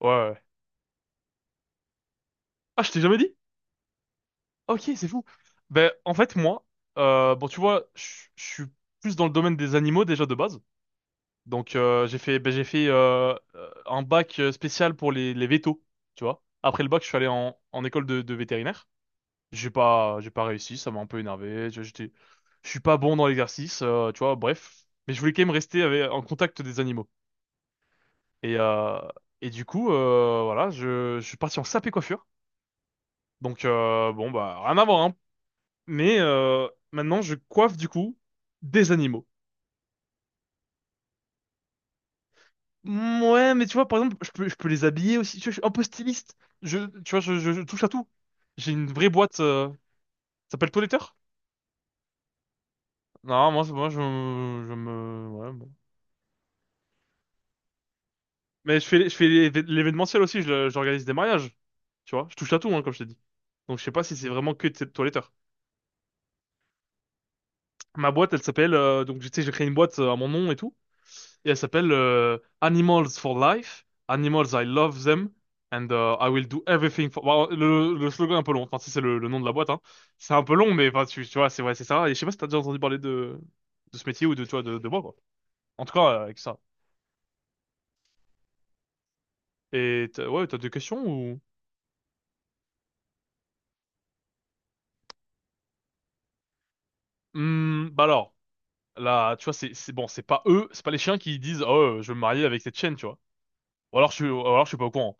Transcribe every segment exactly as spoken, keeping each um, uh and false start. Ouais, ouais. Ah, je t'ai jamais dit? Ok, c'est fou. Ben, en fait, moi, euh, bon, tu vois, je je suis plus dans le domaine des animaux déjà de base. Donc, euh, j'ai fait, ben, j'ai fait euh, euh, un bac euh, spécial pour les, les vétos, tu vois. Après le bac, je suis allé en, en école de, de vétérinaire. J'ai pas, j'ai pas réussi, ça m'a un peu énervé. Je- J'étais, je suis pas bon dans l'exercice, euh, tu vois, bref. Mais je voulais quand même rester avec- en contact des animaux. Et, euh, et du coup, euh, voilà, je, je suis parti en sapé coiffure. Donc, euh, bon, bah, rien à voir, hein. Mais euh, maintenant, je coiffe du coup des animaux. Mm, ouais, mais tu vois, par exemple, je peux, je peux les habiller aussi. Tu vois, je suis un peu styliste. Je, tu vois, je, je- je touche à tout. J'ai une vraie boîte. Euh, ça s'appelle Toiletteur? Non, moi, c'est- moi, je, je me, ouais, bon. Mais je fais, je fais l'éve- l'événementiel aussi. je le- J'organise des mariages. Tu vois, je touche à tout, hein, comme je t'ai dit. Donc, je sais pas si c'est vraiment que de Toiletteur. Ma boîte, elle s'appelle. Euh, donc, tu sais, j'ai créé une boîte euh, à mon nom et tout. Et elle s'appelle euh, Animals for Life. Animals, I love them. And euh, I will do everything for... Bon, le, le slogan est un peu long. Enfin, si c'est le, le nom de la boîte, hein. C'est un peu long, mais enfin, tu, tu vois, c'est ouais, c'est ça. Et je sais pas si t'as déjà entendu parler de, de ce métier ou de, tu vois, de, de moi, quoi. En tout cas, euh, avec ça. Et t'as- ouais, t'as des questions ou... Hmm, bah alors, là, tu vois, c'est c'est- bon, c'est pas eux, c'est pas les chiens qui disent, oh, euh, je veux me marier avec cette chienne, tu vois. Ou alors, je suis, ou alors, je suis pas au courant.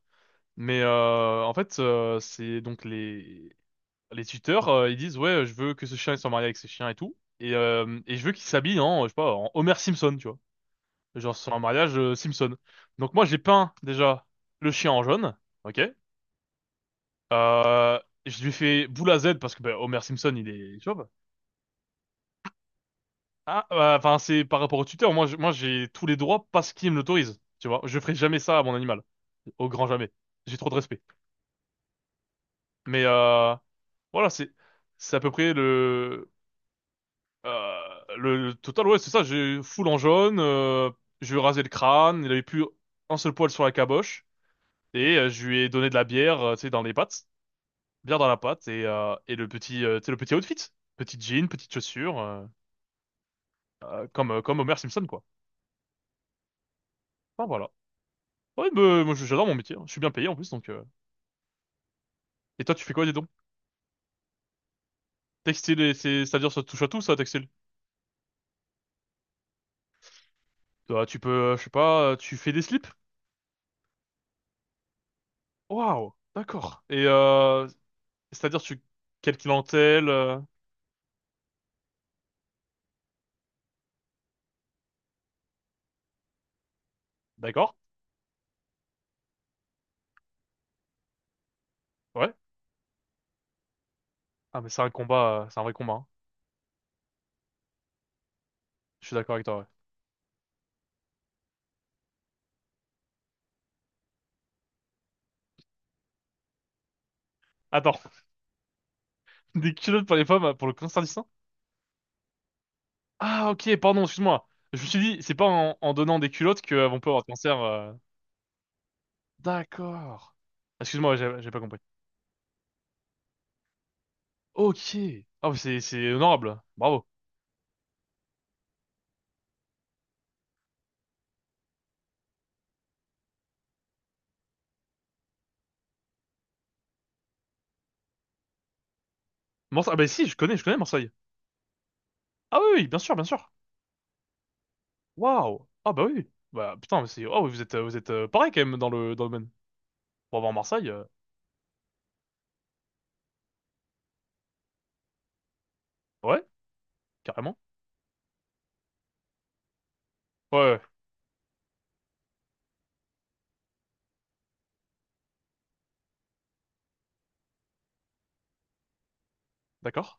Mais euh, en fait, euh, c'est donc les les tuteurs, euh, ils disent ouais, euh, je veux que ce chien il soit marié avec ce chien et tout, et, euh, et je veux qu'il s'habille en, je sais pas, en Homer Simpson, tu vois, genre sur un mariage euh, Simpson. Donc moi j'ai peint déjà le chien en jaune, ok. Euh, je lui ai fait boule à Z parce que bah, Homer Simpson il est chauve. Ah, bah, enfin c'est par rapport au tuteur. Moi je- moi j'ai tous les droits parce qu'il me l'autorise, tu vois. Je ferai jamais ça à mon animal, au grand jamais. J'ai trop de respect. Mais euh, voilà, c'est c'est à peu près le Euh, le total, ouais, c'est ça, j'ai full en jaune, euh, je lui ai rasé le crâne, il avait plus un seul poil sur la caboche, et euh, je lui ai donné de la bière, euh, tu sais, dans les pattes, bière dans la patte, et, euh, et le petit, euh, tu sais, le petit outfit, petit jean, petite chaussure, euh, euh, comme, euh, comme Homer Simpson, quoi. Enfin, voilà. Ouais, bah, moi, j'adore mon métier, hein. Je suis bien payé en plus, donc... euh. Et toi, tu fais quoi, dis donc? Textile, et c'est- c'est-à-dire ça touche à tout, ça, textile? Toi, tu peux, euh, je sais pas, euh, tu fais des slips? Waouh, d'accord. Et, euh, c'est-à-dire tu... Quelle clientèle? euh, D'accord. Ouais. Ah, mais c'est un combat, euh, c'est un vrai combat, hein. Je suis d'accord avec toi, ouais. Attends, des culottes pour les femmes, euh, pour le cancer du sein? Ah, ok, pardon, excuse-moi. Je me suis dit, c'est pas en, en donnant des culottes que, euh, on peut avoir le cancer. euh. D'accord. Excuse-moi, ouais, j'ai j'ai pas compris. Ok. Ah, mais c'est c'est honorable. Bravo. Morse- Ah, bah si, je connais, je connais Marseille. Ah oui, oui, bien sûr, bien sûr. Waouh. Ah bah oui. Bah putain, mais c'est. Oh, oui, vous êtes, euh, vous êtes euh, pareil quand même dans le dans le domaine. Pour avoir Marseille, euh, ouais, carrément. Ouais, ouais, d'accord.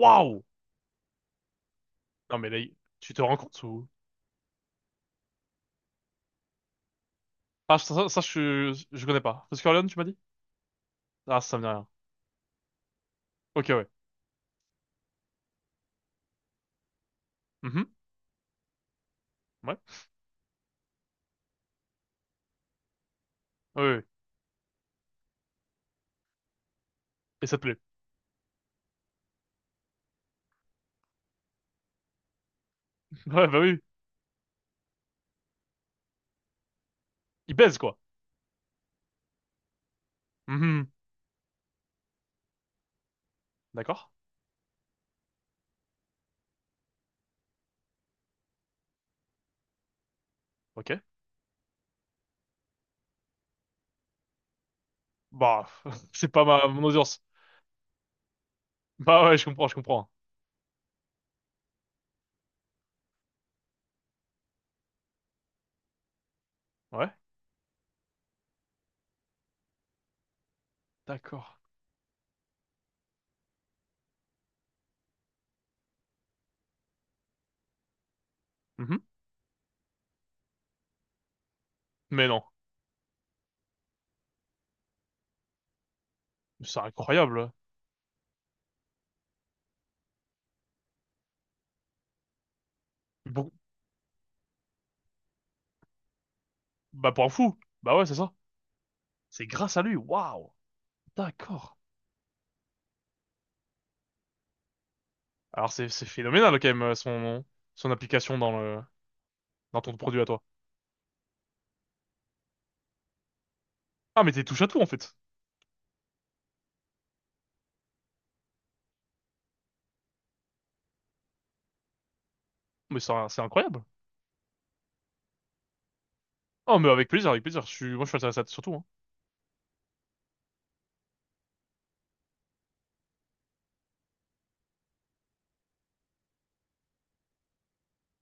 Waouh. Non mais là, tu te rends compte ou? Ah, ça, ça, ça, je, suis- je connais pas. Parce Corleone, tu m'as dit? Ah, ça me dit rien. Ok, ouais. Mhm. Ouais. Oui, oui, oui. Et ça te plaît. Ouais, bah oui. Il baise, quoi. Mhm. D'accord. Ok. Bah, c'est pas ma, mon audience. Bah ouais, je comprends, je comprends. Ouais. D'accord. Mhm. Mais non. C'est incroyable. Bon, bah, pour un fou. Bah ouais, c'est ça. C'est grâce à lui. Waouh. D'accord. Alors, c'est, c'est phénoménal, quand même, son, son application dans le, dans ton produit à toi. Ah, mais t'es touche à tout, en fait. Mais c'est c'est incroyable. Oh, mais avec plaisir, avec plaisir. Je suis, moi, je suis intéressé à surtout, hein.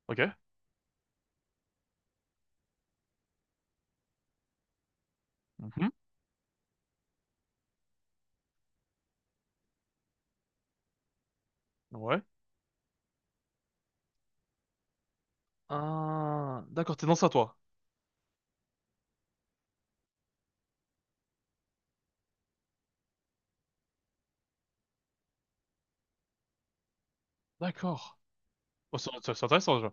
Ok. Mhm. Ouais. Ah, d'accord, t'es dans ça, toi. D'accord. Oh, c'est c'est- c'est intéressant, déjà.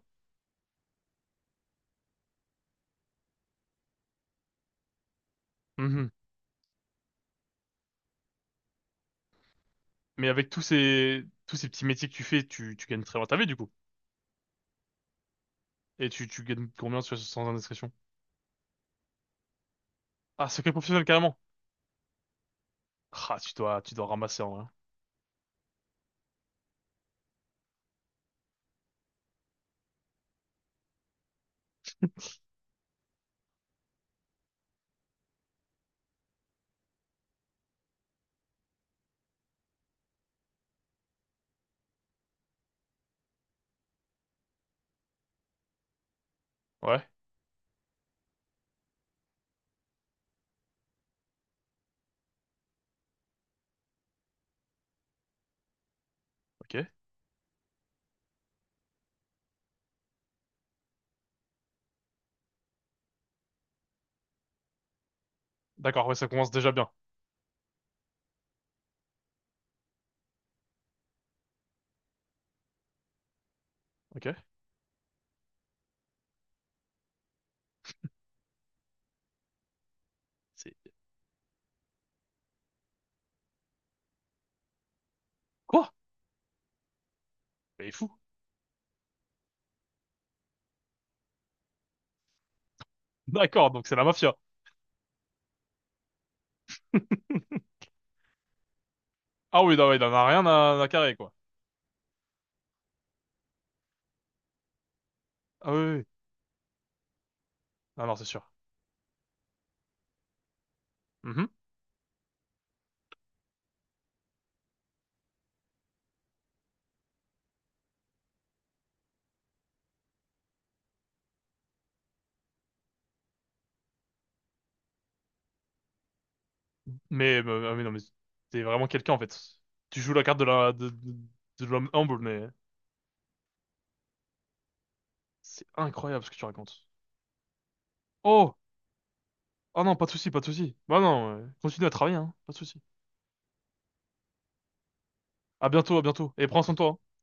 Mhm. Mais avec tous ces, tous ces petits métiers que tu fais, tu, tu gagnes très bien ta vie, du coup. Et tu, tu gagnes combien sur- sans indiscrétion? Ah, secret professionnel, carrément. Ah, tu dois, tu dois ramasser, en vrai. Ouais. Ok. D'accord, ouais, ça commence déjà bien. Ok. C'est, quoi? Mais il est fou. D'accord, donc c'est la mafia. Ah oui, non, ouais, il en a rien à, à carrer, quoi. Ah oui, oui, oui. Ah non, c'est sûr. Mhm. Mais, mais, mais non, mais t'es vraiment quelqu'un en fait. Tu joues la carte de la de, de, de l'homme humble, mais c'est incroyable ce que tu racontes. Oh! Ah non, pas de souci, pas de souci. Bah non, euh, continue à travailler, hein, pas de souci. À bientôt, à bientôt. Et prends soin de toi, hein.